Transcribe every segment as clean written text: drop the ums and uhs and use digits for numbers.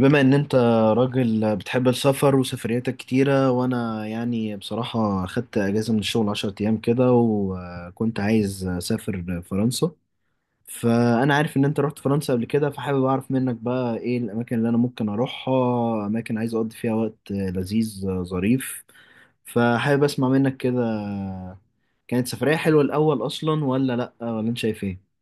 بما ان انت راجل بتحب السفر وسفرياتك كتيرة، وانا يعني بصراحة خدت اجازة من الشغل 10 ايام كده، وكنت عايز اسافر فرنسا. فانا عارف ان انت رحت فرنسا قبل كده، فحابب اعرف منك بقى ايه الاماكن اللي انا ممكن اروحها. اماكن عايز اقضي فيها وقت لذيذ ظريف. فحابب اسمع منك كده. كانت سفرية حلوة الاول اصلا ولا لا، ولا انت شايف ايه؟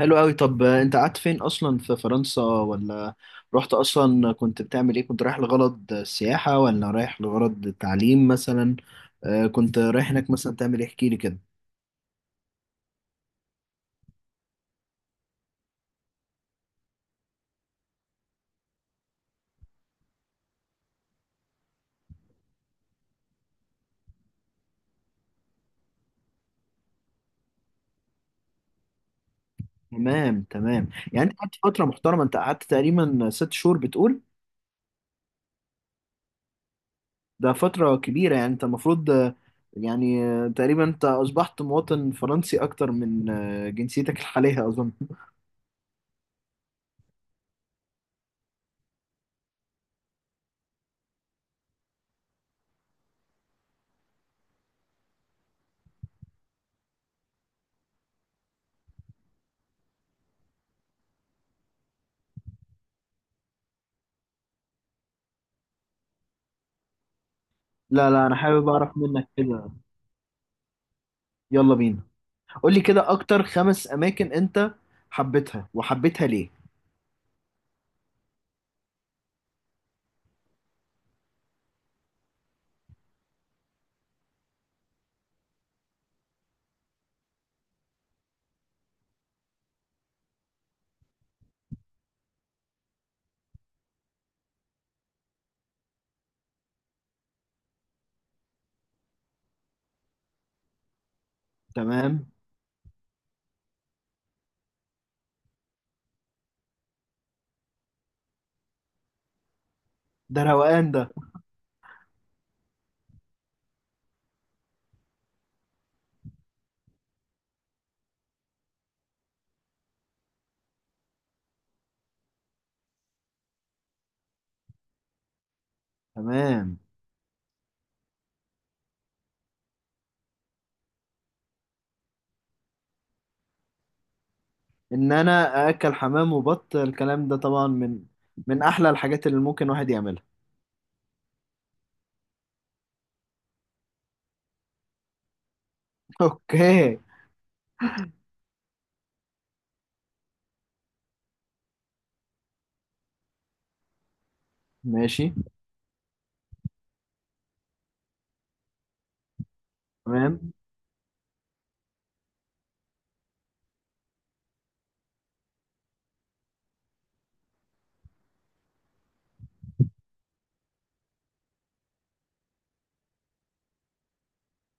حلو قوي. طب انت قعدت فين اصلا في فرنسا؟ ولا رحت اصلا كنت بتعمل ايه؟ كنت رايح لغرض سياحة ولا رايح لغرض تعليم مثلا؟ كنت رايح هناك مثلا تعمل ايه، احكي لي كده. تمام تمام، يعني انت قعدت فترة محترمة، انت قعدت تقريبا 6 شهور بتقول. ده فترة كبيرة، يعني انت المفروض يعني تقريبا انت اصبحت مواطن فرنسي اكتر من جنسيتك الحالية اظن. لا لا، انا حابب اعرف منك كده. يلا بينا، قول لي كده اكتر خمس اماكن انت حبيتها، وحبيتها ليه؟ تمام. ده روقان ده. تمام. ان انا اكل حمام وبط الكلام ده طبعا من احلى الحاجات اللي ممكن واحد يعملها. اوكي. ماشي. تمام.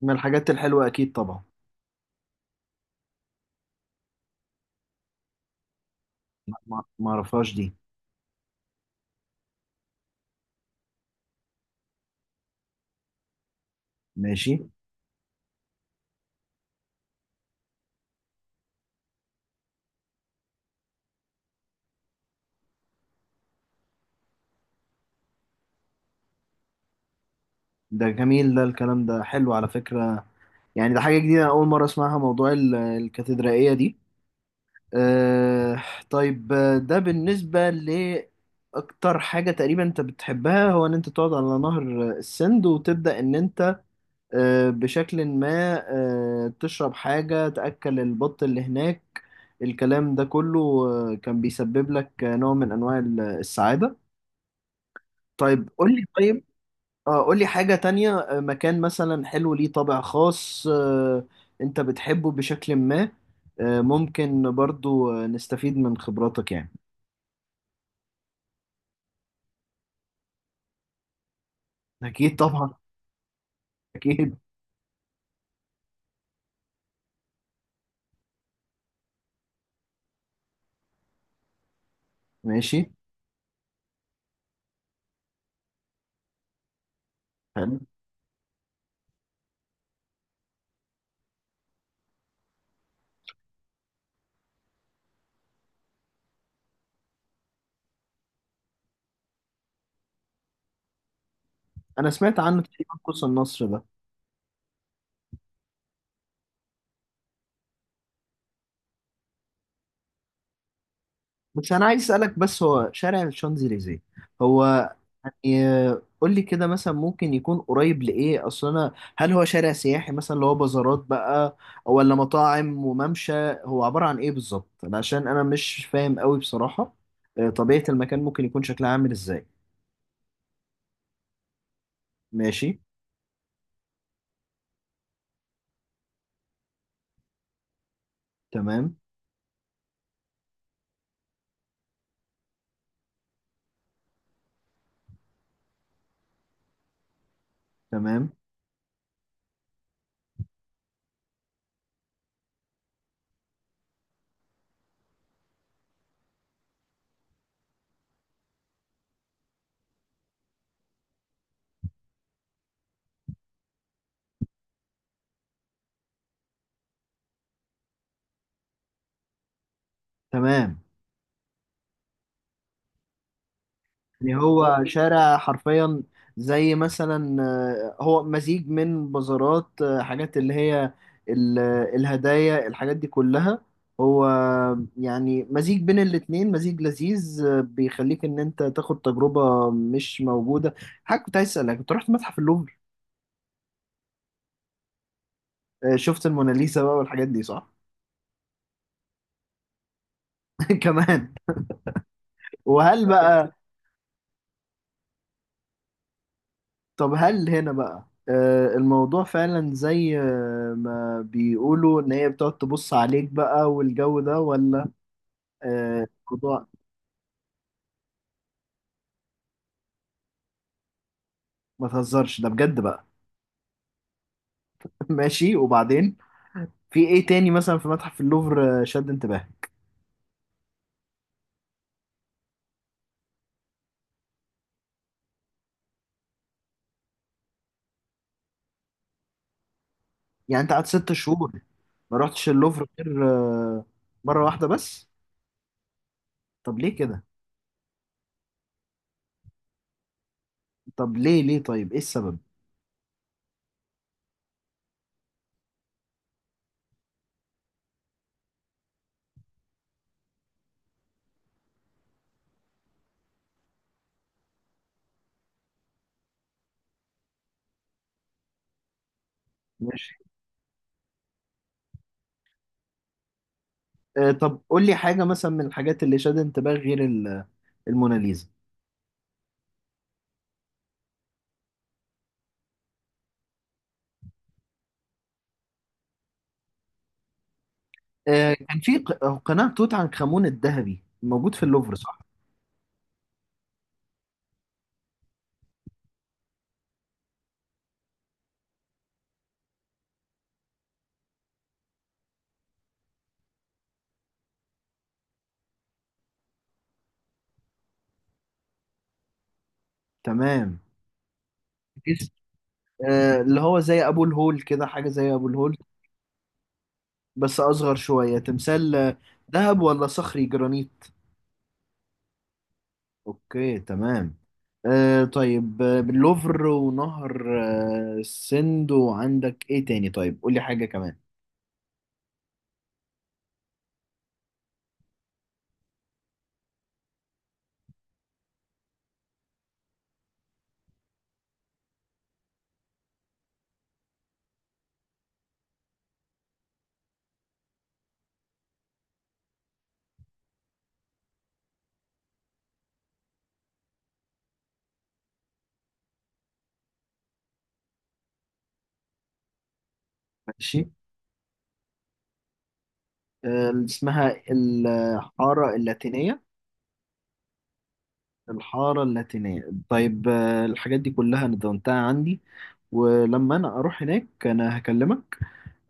من الحاجات الحلوة اكيد طبعا. ما اعرفهاش دي. ماشي. ده جميل ده، الكلام ده حلو على فكرة. يعني ده حاجة جديدة، أنا أول مرة أسمعها، موضوع الكاتدرائية دي. آه. طيب، ده بالنسبة لأكتر حاجة تقريبا أنت بتحبها، هو إن أنت تقعد على نهر السند، وتبدأ إن أنت آه بشكل ما، آه تشرب حاجة، تأكل البط اللي هناك، الكلام ده كله آه كان بيسبب لك نوع من أنواع السعادة. طيب قول لي. طيب اه قول لي حاجة تانية، مكان مثلا حلو ليه طابع خاص، آه أنت بتحبه بشكل ما، آه ممكن برضو نستفيد من خبراتك يعني. اكيد طبعا. اكيد. ماشي. حلو. انا سمعت عنه تقريبا، قوس النصر ده. بس انا عايز اسالك، بس هو شارع الشانزليزيه، هو ي- قول لي كده، مثلا ممكن يكون قريب لايه؟ اصل انا هل هو شارع سياحي مثلا اللي هو بازارات بقى، ولا مطاعم وممشى؟ هو عباره عن ايه بالظبط؟ عشان انا مش فاهم قوي بصراحه. طبيعه المكان ممكن يكون شكلها عامل ازاي؟ ماشي. تمام تمام تمام. يعني هو شارع حرفيا، زي مثلا هو مزيج من بازارات، حاجات اللي هي ال- الهدايا، الحاجات دي كلها. هو يعني مزيج بين الاتنين، مزيج لذيذ، بيخليك ان انت تاخد تجربة مش موجودة. حاجة كنت عايز اسألك، انت رحت متحف اللوفر؟ شفت الموناليزا بقى والحاجات دي صح؟ كمان. وهل بقى، طب هل هنا بقى الموضوع فعلا زي ما بيقولوا ان هي بتقعد تبص عليك بقى والجو ده، ولا الموضوع؟ ما تهزرش ده بجد بقى. ماشي. وبعدين في ايه تاني مثلا في متحف اللوفر شد انتباهك؟ يعني انت قعدت 6 شهور ما رحتش اللوفر غير مرة واحدة بس؟ طب ليه كده؟ طب ليه طيب ايه السبب؟ ماشي. طب قول لي حاجة مثلا من الحاجات اللي شد انتباهك غير الموناليزا. كان في قناع توت عنخ امون الذهبي موجود في اللوفر صح؟ تمام. اسم- اللي هو زي ابو الهول كده، حاجه زي ابو الهول بس اصغر شويه، تمثال ذهب ولا صخري جرانيت؟ اوكي تمام. آه طيب، باللوفر ونهر السند، وعندك ايه تاني؟ طيب قولي حاجه كمان. ماشي. آه اسمها الحاره اللاتينيه. الحارة اللاتينية. طيب، الحاجات دي كلها أنا دونتها عندي، ولما أنا أروح هناك أنا هكلمك،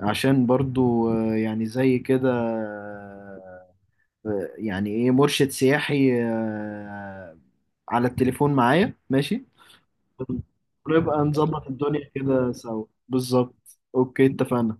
عشان برضو يعني زي كده، يعني إيه مرشد سياحي على التليفون معايا. ماشي ونبقى نظبط الدنيا كده سوا بالظبط. أوكي اتفقنا.